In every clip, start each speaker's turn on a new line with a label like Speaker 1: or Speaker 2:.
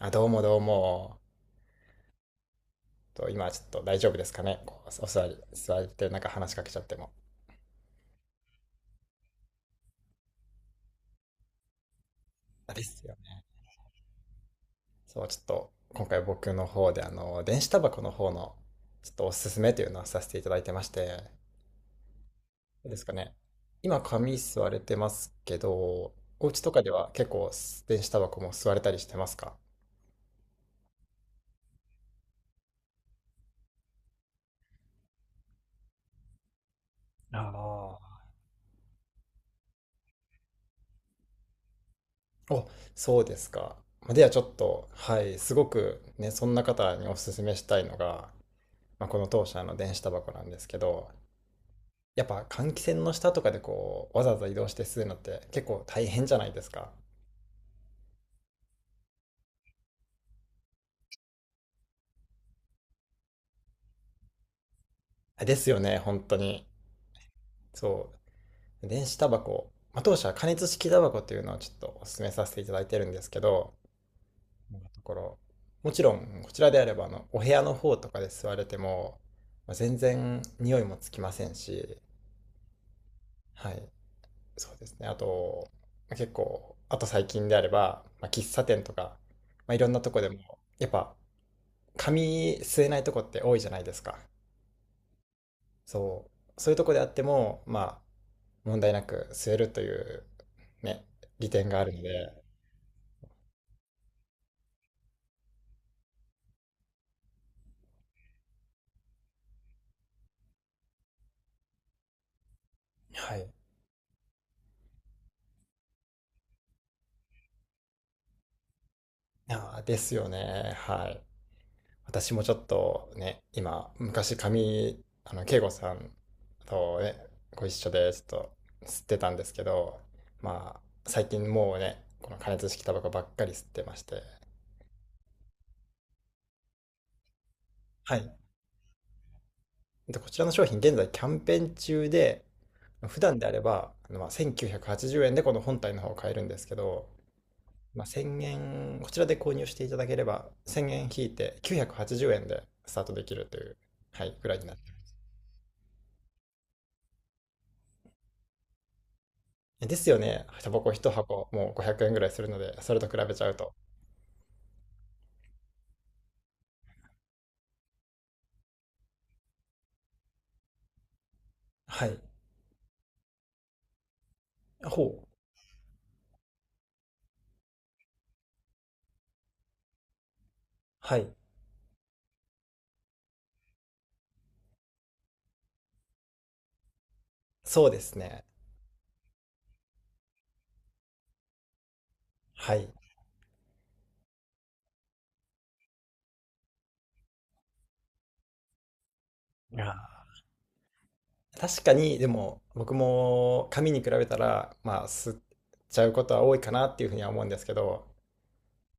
Speaker 1: あ、どうもどうも。今ちょっと大丈夫ですかね？こうお座り、座ってなんか話しかけちゃっても。あですよね。そう、ちょっと今回僕の方で電子タバコの方のちょっとおすすめというのをさせていただいてまして、どうですかね？今紙吸われてますけど、お家とかでは結構電子タバコも吸われたりしてますか？ああ。お、そうですか。まあではちょっと、はい、すごくね、そんな方におすすめしたいのが、まあ、この当社の電子タバコなんですけど、やっぱ換気扇の下とかでこうわざわざ移動して吸うのって結構大変じゃないですか。ですよね、本当に。そう。電子タバコ、まあ、当社は加熱式タバコっていうのをちょっとお勧めさせていただいてるんですけど、今のところ、もちろんこちらであればあのお部屋の方とかで吸われても、まあ、全然匂いもつきませんし、はい、そうですね。あと、まあ結構、あと最近であれば、まあ、喫茶店とか、まあ、いろんなとこでも、やっぱ紙吸えないとこって多いじゃないですか。そう。そういうとこであっても、まあ、問題なく吸えるという、ね、利点があるので、はい。ああ、ですよね。はい。私もちょっとね、今、昔紙、慶吾さんとね、ご一緒で、ちょっと吸ってたんですけど、まあ、最近もうね、この加熱式タバコばっかり吸ってまして、はい。で、こちらの商品、現在キャンペーン中で、普段であれば、まあ、1980円でこの本体の方を買えるんですけど、まあ、1000円、こちらで購入していただければ、1000円引いて980円でスタートできるという、はい、ぐらいになってます。ですよね。タバコ一箱、もう500円ぐらいするので、それと比べちゃうと。はい。ほう。はい。そうですね。はい。いやー確かに、でも、僕も紙に比べたら、まあ、吸っちゃうことは多いかなっていうふうには思うんですけど、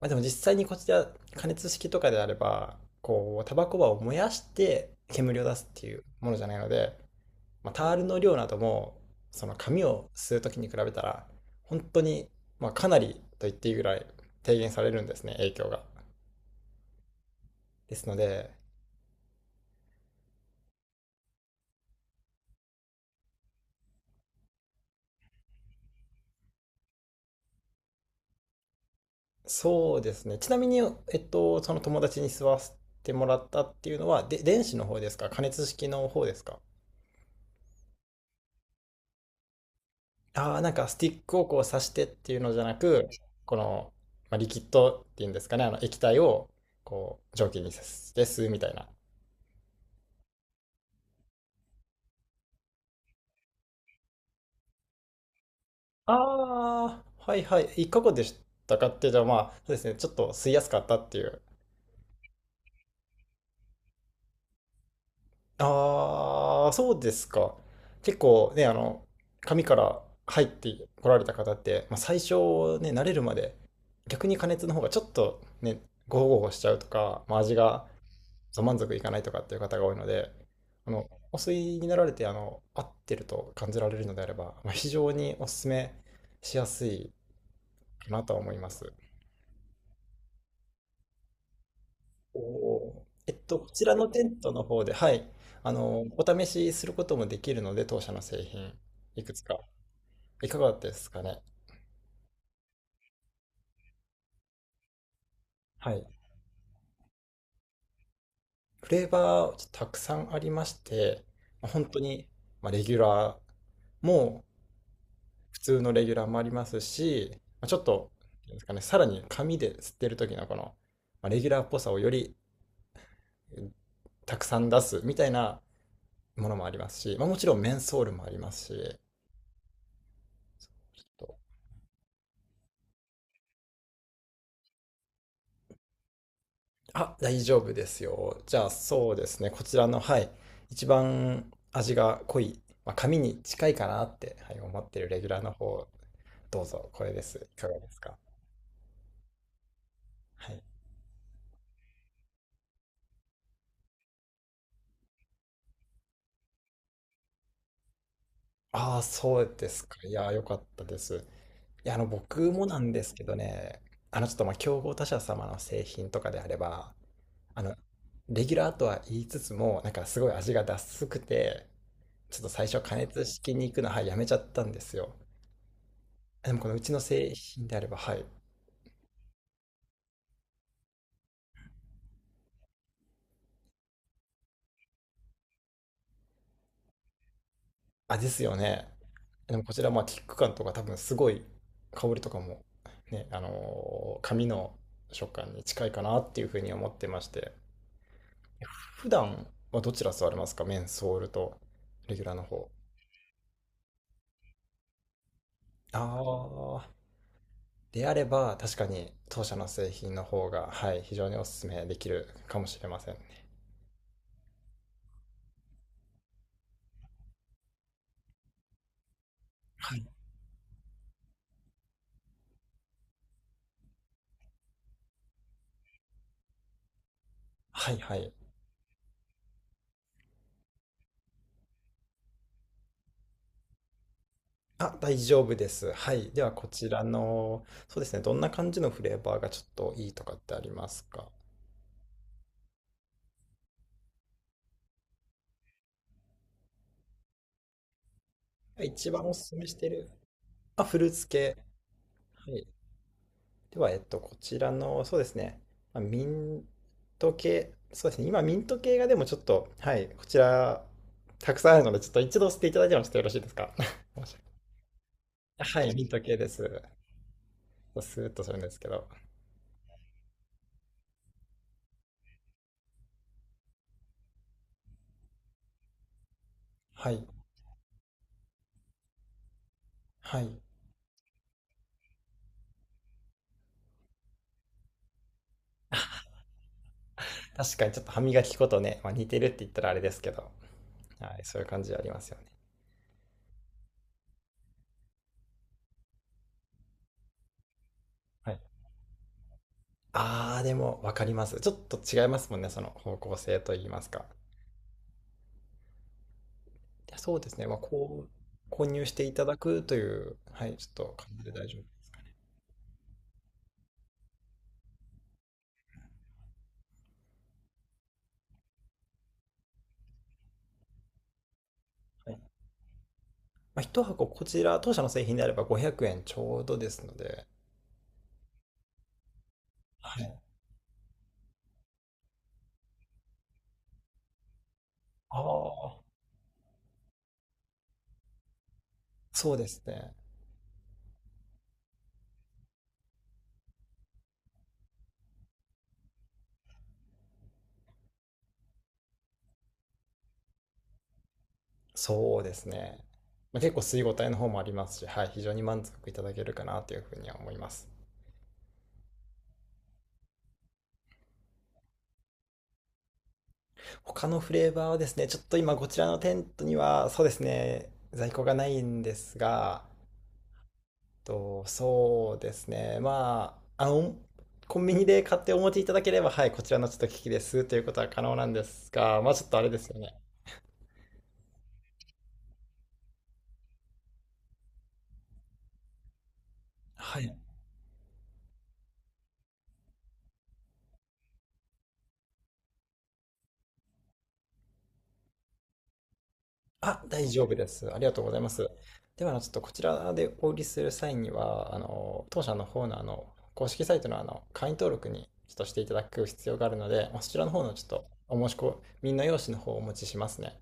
Speaker 1: まあ、でも実際にこちら加熱式とかであればこうタバコ葉を燃やして煙を出すっていうものじゃないので、まあ、タールの量などもその紙を吸う時に比べたら本当に、まあ、かなりと言っていいぐらい低減されるんですね影響が。ですので、そうですね、ちなみに、その友達に吸わせてもらったっていうのはで電子の方ですか？加熱式の方ですか？ああ、なんかスティックをこう刺してっていうのじゃなく、この、まあ、リキッドっていうんですかね、あの液体をこう蒸気にして吸うみたいな。ああ、はいはい。いかがでしたかって、じゃあまあ、そうですね、ちょっと吸いやすかったっていう。ああ、そうですか。結構ね、紙から入ってこられた方って、まあ、最初ね、慣れるまで、逆に加熱の方がちょっとね、ゴホゴホしちゃうとか、まあ、味がそう満足いかないとかっていう方が多いので、お吸いになられて、合ってると感じられるのであれば、まあ、非常にお勧めしやすいかなとは思います。おおー、こちらのテントの方で、はい、お試しすることもできるので、当社の製品、いくつか、いかがですかね？はい。フレーバー、たくさんありまして、まあ本当に、まあ、レギュラーも普通のレギュラーもありますし、まあ、ちょっと、なんですかね、さらに紙で吸ってる時のこの、まあ、レギュラーっぽさをよりたくさん出すみたいなものもありますし、まあ、もちろんメンソールもありますし、ちょっとあ、大丈夫ですよ。じゃあそうですね、こちらの、はい、一番味が濃い、まあ、紙に近いかなって、はい、思ってるレギュラーの方、どうぞ、これです。いかがですか？はい。ああ、そうですか。いやー、よかったです。いや、僕もなんですけどね、ちょっと、まあ、競合他社様の製品とかであれば、あの、レギュラーとは言いつつも、なんかすごい味がダスくて、ちょっと最初加熱式に行くの、はい、やめちゃったんですよ。でも、このうちの製品であれば、はい。あ、ですよね。でも、こちら、まあ、キック感とか多分すごい香りとかも、ね、紙の食感に近いかなっていうふうに思ってまして、普段はどちら座れますか？メンソールとレギュラーの方。ああ、であれば確かに当社の製品の方が、はい、非常にお勧めできるかもしれませんね。はい、はい、はい。あ、大丈夫です。はい。ではこちらの、そうですね、どんな感じのフレーバーがちょっといいとかってありますか？一番お勧めしてる。あ、フルーツ系。はい。では、こちらの、そうですね、まあミント系、そうですね、今ミント系がでもちょっと、はい、こちら、たくさんあるので、ちょっと一度捨てていただいてもちょっとよろしいですか？ はい、ミント系です。スーッとするんですけど。はい。はい。確かにちょっと歯磨き粉とね、まあ、似てるって言ったらあれですけど、はい、そういう感じありますよね。はい。あー、でもわかります。ちょっと違いますもんね、その方向性といいますか。いやそうですね、まあ、こう、購入していただくという、はい、ちょっと感じで大丈夫。はい。まあ、箱こちら、当社の製品であれば500円ちょうどですので、はい。ああ、そうですね。そうですね。まあ、結構吸い応えの方もありますし、はい、非常に満足いただけるかなというふうには思います。他のフレーバーはですね、ちょっと今こちらのテントには、そうですね、在庫がないんですが、と、そうですね、まあ、コンビニで買ってお持ちいただければ、はい、こちらのちょっと機器ですということは可能なんですが、まあちょっとあれですよね。はい。あ、大丈夫です。ありがとうございます。では、ちょっとこちらでお売りする際には、当社の方の、公式サイトの、会員登録にちょっとしていただく必要があるので、まあそちらの方のちょっとお申し込みの用紙の方をお持ちしますね。